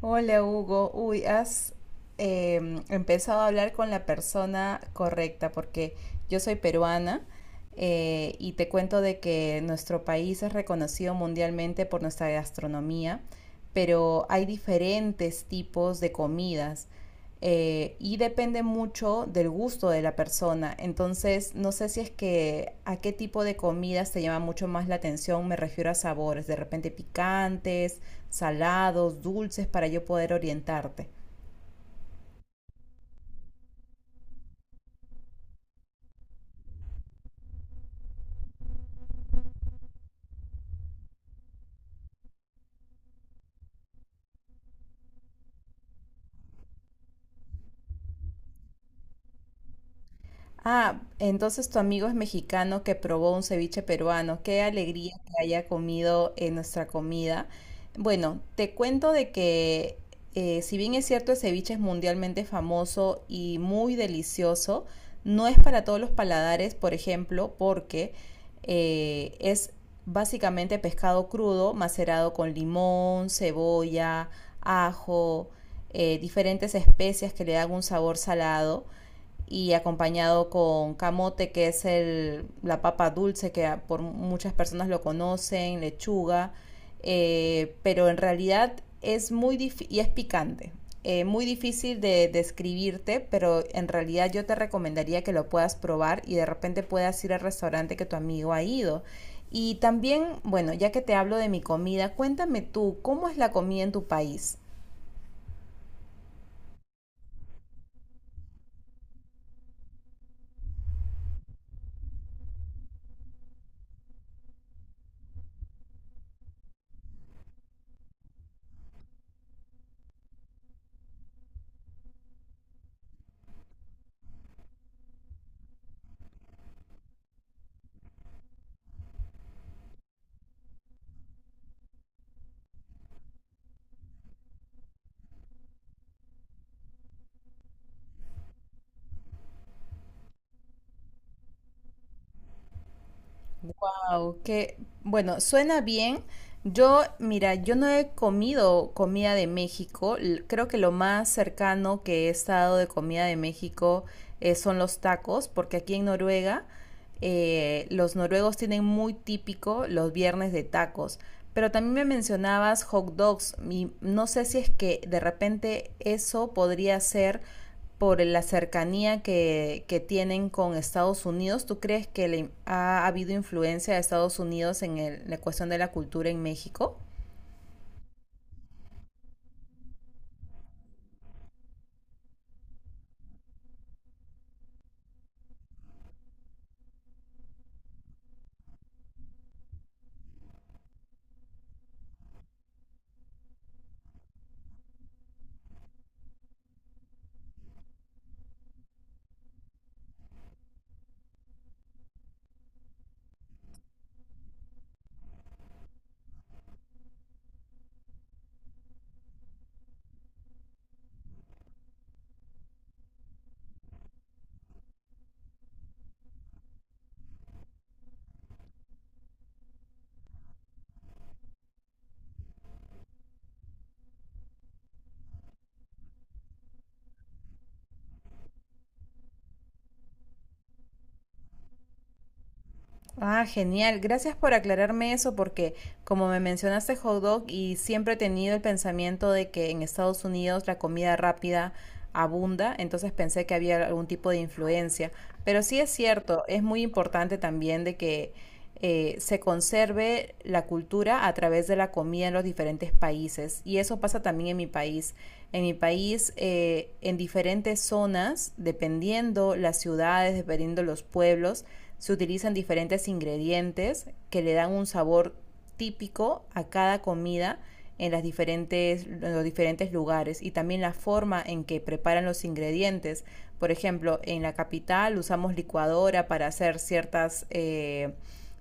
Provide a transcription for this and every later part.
Hola Hugo, uy, has empezado a hablar con la persona correcta porque yo soy peruana. Y te cuento de que nuestro país es reconocido mundialmente por nuestra gastronomía, pero hay diferentes tipos de comidas, y depende mucho del gusto de la persona. Entonces, no sé si es que a qué tipo de comidas te llama mucho más la atención, me refiero a sabores, de repente picantes, salados, dulces, para yo poder orientarte. Ah, entonces tu amigo es mexicano que probó un ceviche peruano. Qué alegría que haya comido nuestra comida. Bueno, te cuento de que, si bien es cierto, el ceviche es mundialmente famoso y muy delicioso, no es para todos los paladares, por ejemplo, porque es básicamente pescado crudo macerado con limón, cebolla, ajo, diferentes especias que le dan un sabor salado y acompañado con camote, que es el, la papa dulce, que por muchas personas lo conocen, lechuga, pero en realidad es muy difícil y es picante. Muy difícil de describirte, pero en realidad yo te recomendaría que lo puedas probar y de repente puedas ir al restaurante que tu amigo ha ido. Y también, bueno, ya que te hablo de mi comida, cuéntame tú, ¿cómo es la comida en tu país? Wow, que bueno, suena bien. Yo, mira, yo no he comido comida de México. Creo que lo más cercano que he estado de comida de México, son los tacos, porque aquí en Noruega, los noruegos tienen muy típico los viernes de tacos. Pero también me mencionabas hot dogs y no sé si es que de repente eso podría ser por la cercanía que tienen con Estados Unidos. ¿Tú crees que le ha habido influencia de Estados Unidos en la cuestión de la cultura en México? Ah, genial. Gracias por aclararme eso porque, como me mencionaste hot dog, y siempre he tenido el pensamiento de que en Estados Unidos la comida rápida abunda, entonces pensé que había algún tipo de influencia. Pero sí es cierto, es muy importante también de que se conserve la cultura a través de la comida en los diferentes países. Y eso pasa también en mi país. En mi país, en diferentes zonas, dependiendo las ciudades, dependiendo los pueblos, se utilizan diferentes ingredientes que le dan un sabor típico a cada comida en, las diferentes, en los diferentes lugares, y también la forma en que preparan los ingredientes. Por ejemplo, en la capital usamos licuadora para hacer ciertas,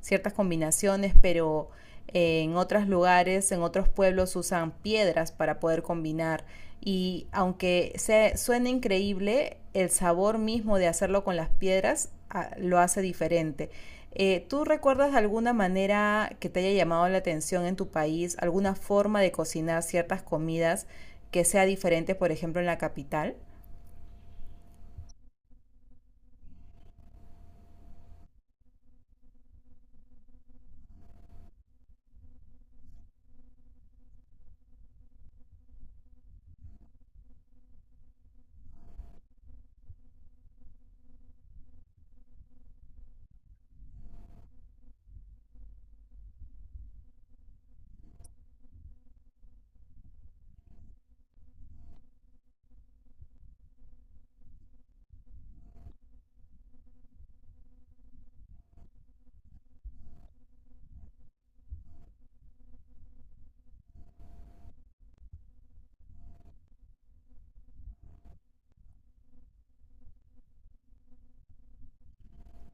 ciertas combinaciones, pero en otros lugares, en otros pueblos, usan piedras para poder combinar, y aunque se, suene increíble, el sabor mismo de hacerlo con las piedras a, lo hace diferente. ¿Tú recuerdas de alguna manera que te haya llamado la atención en tu país, alguna forma de cocinar ciertas comidas que sea diferente, por ejemplo, en la capital?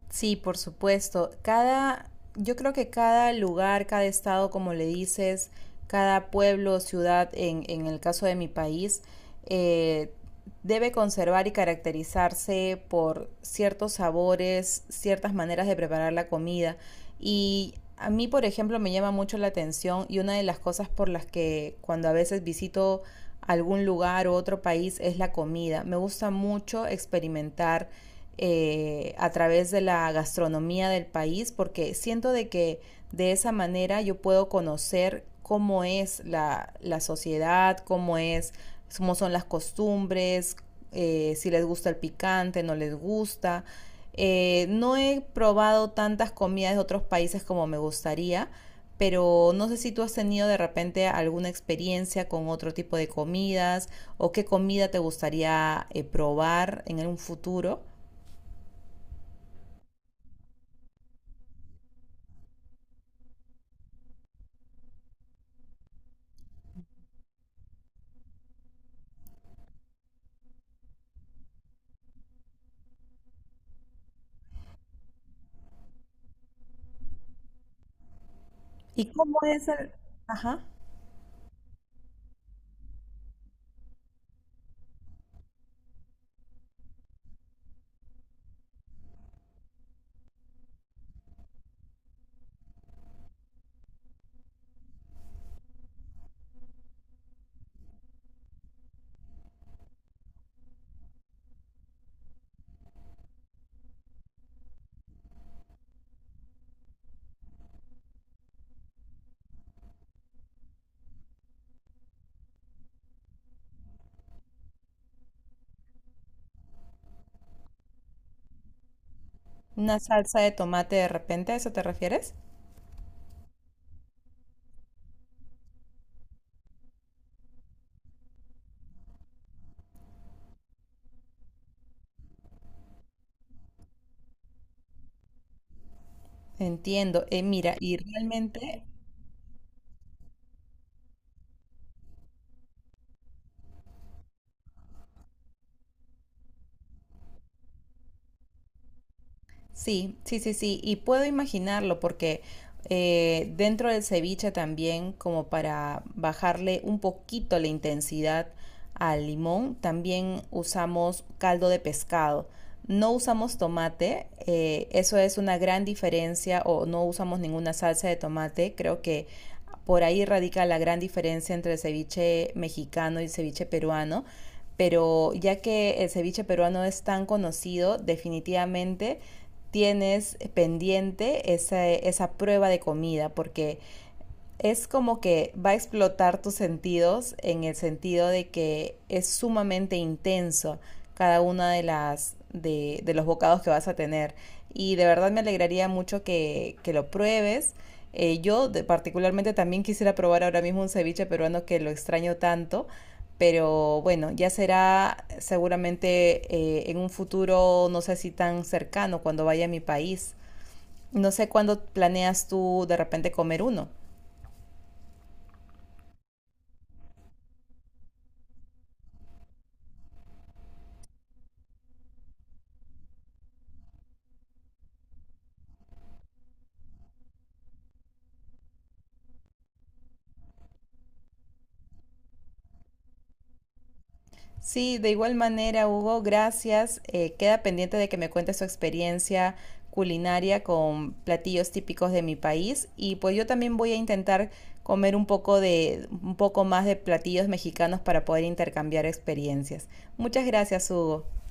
Sí, por supuesto. Cada, yo creo que cada lugar, cada estado, como le dices, cada pueblo, ciudad, en el caso de mi país, eh, debe conservar y caracterizarse por ciertos sabores, ciertas maneras de preparar la comida. Y a mí, por ejemplo, me llama mucho la atención, y una de las cosas por las que cuando a veces visito algún lugar u otro país es la comida. Me gusta mucho experimentar a través de la gastronomía del país, porque siento de que de esa manera yo puedo conocer cómo es la, la sociedad, cómo es, cómo son las costumbres, si les gusta el picante, no les gusta. No he probado tantas comidas de otros países como me gustaría, pero no sé si tú has tenido de repente alguna experiencia con otro tipo de comidas, o qué comida te gustaría probar en un futuro. ¿Y cómo es el... Ajá, una salsa de tomate de repente, ¿a eso te refieres? Entiendo. Mira, y realmente sí, sí, sí, sí. Y puedo imaginarlo porque dentro del ceviche también, como para bajarle un poquito la intensidad al limón, también usamos caldo de pescado. No usamos tomate, eso es una gran diferencia, o no usamos ninguna salsa de tomate. Creo que por ahí radica la gran diferencia entre el ceviche mexicano y el ceviche peruano, pero ya que el ceviche peruano es tan conocido, definitivamente tienes pendiente esa, esa prueba de comida, porque es como que va a explotar tus sentidos, en el sentido de que es sumamente intenso cada una de las de los bocados que vas a tener. Y de verdad me alegraría mucho que lo pruebes. Yo particularmente también quisiera probar ahora mismo un ceviche peruano que lo extraño tanto, pero bueno, ya será seguramente en un futuro, no sé si tan cercano, cuando vaya a mi país. No sé cuándo planeas tú de repente comer uno. Sí, de igual manera, Hugo, gracias. Queda pendiente de que me cuentes su experiencia culinaria con platillos típicos de mi país, y pues yo también voy a intentar comer un poco de un poco más de platillos mexicanos para poder intercambiar experiencias. Muchas gracias, Hugo.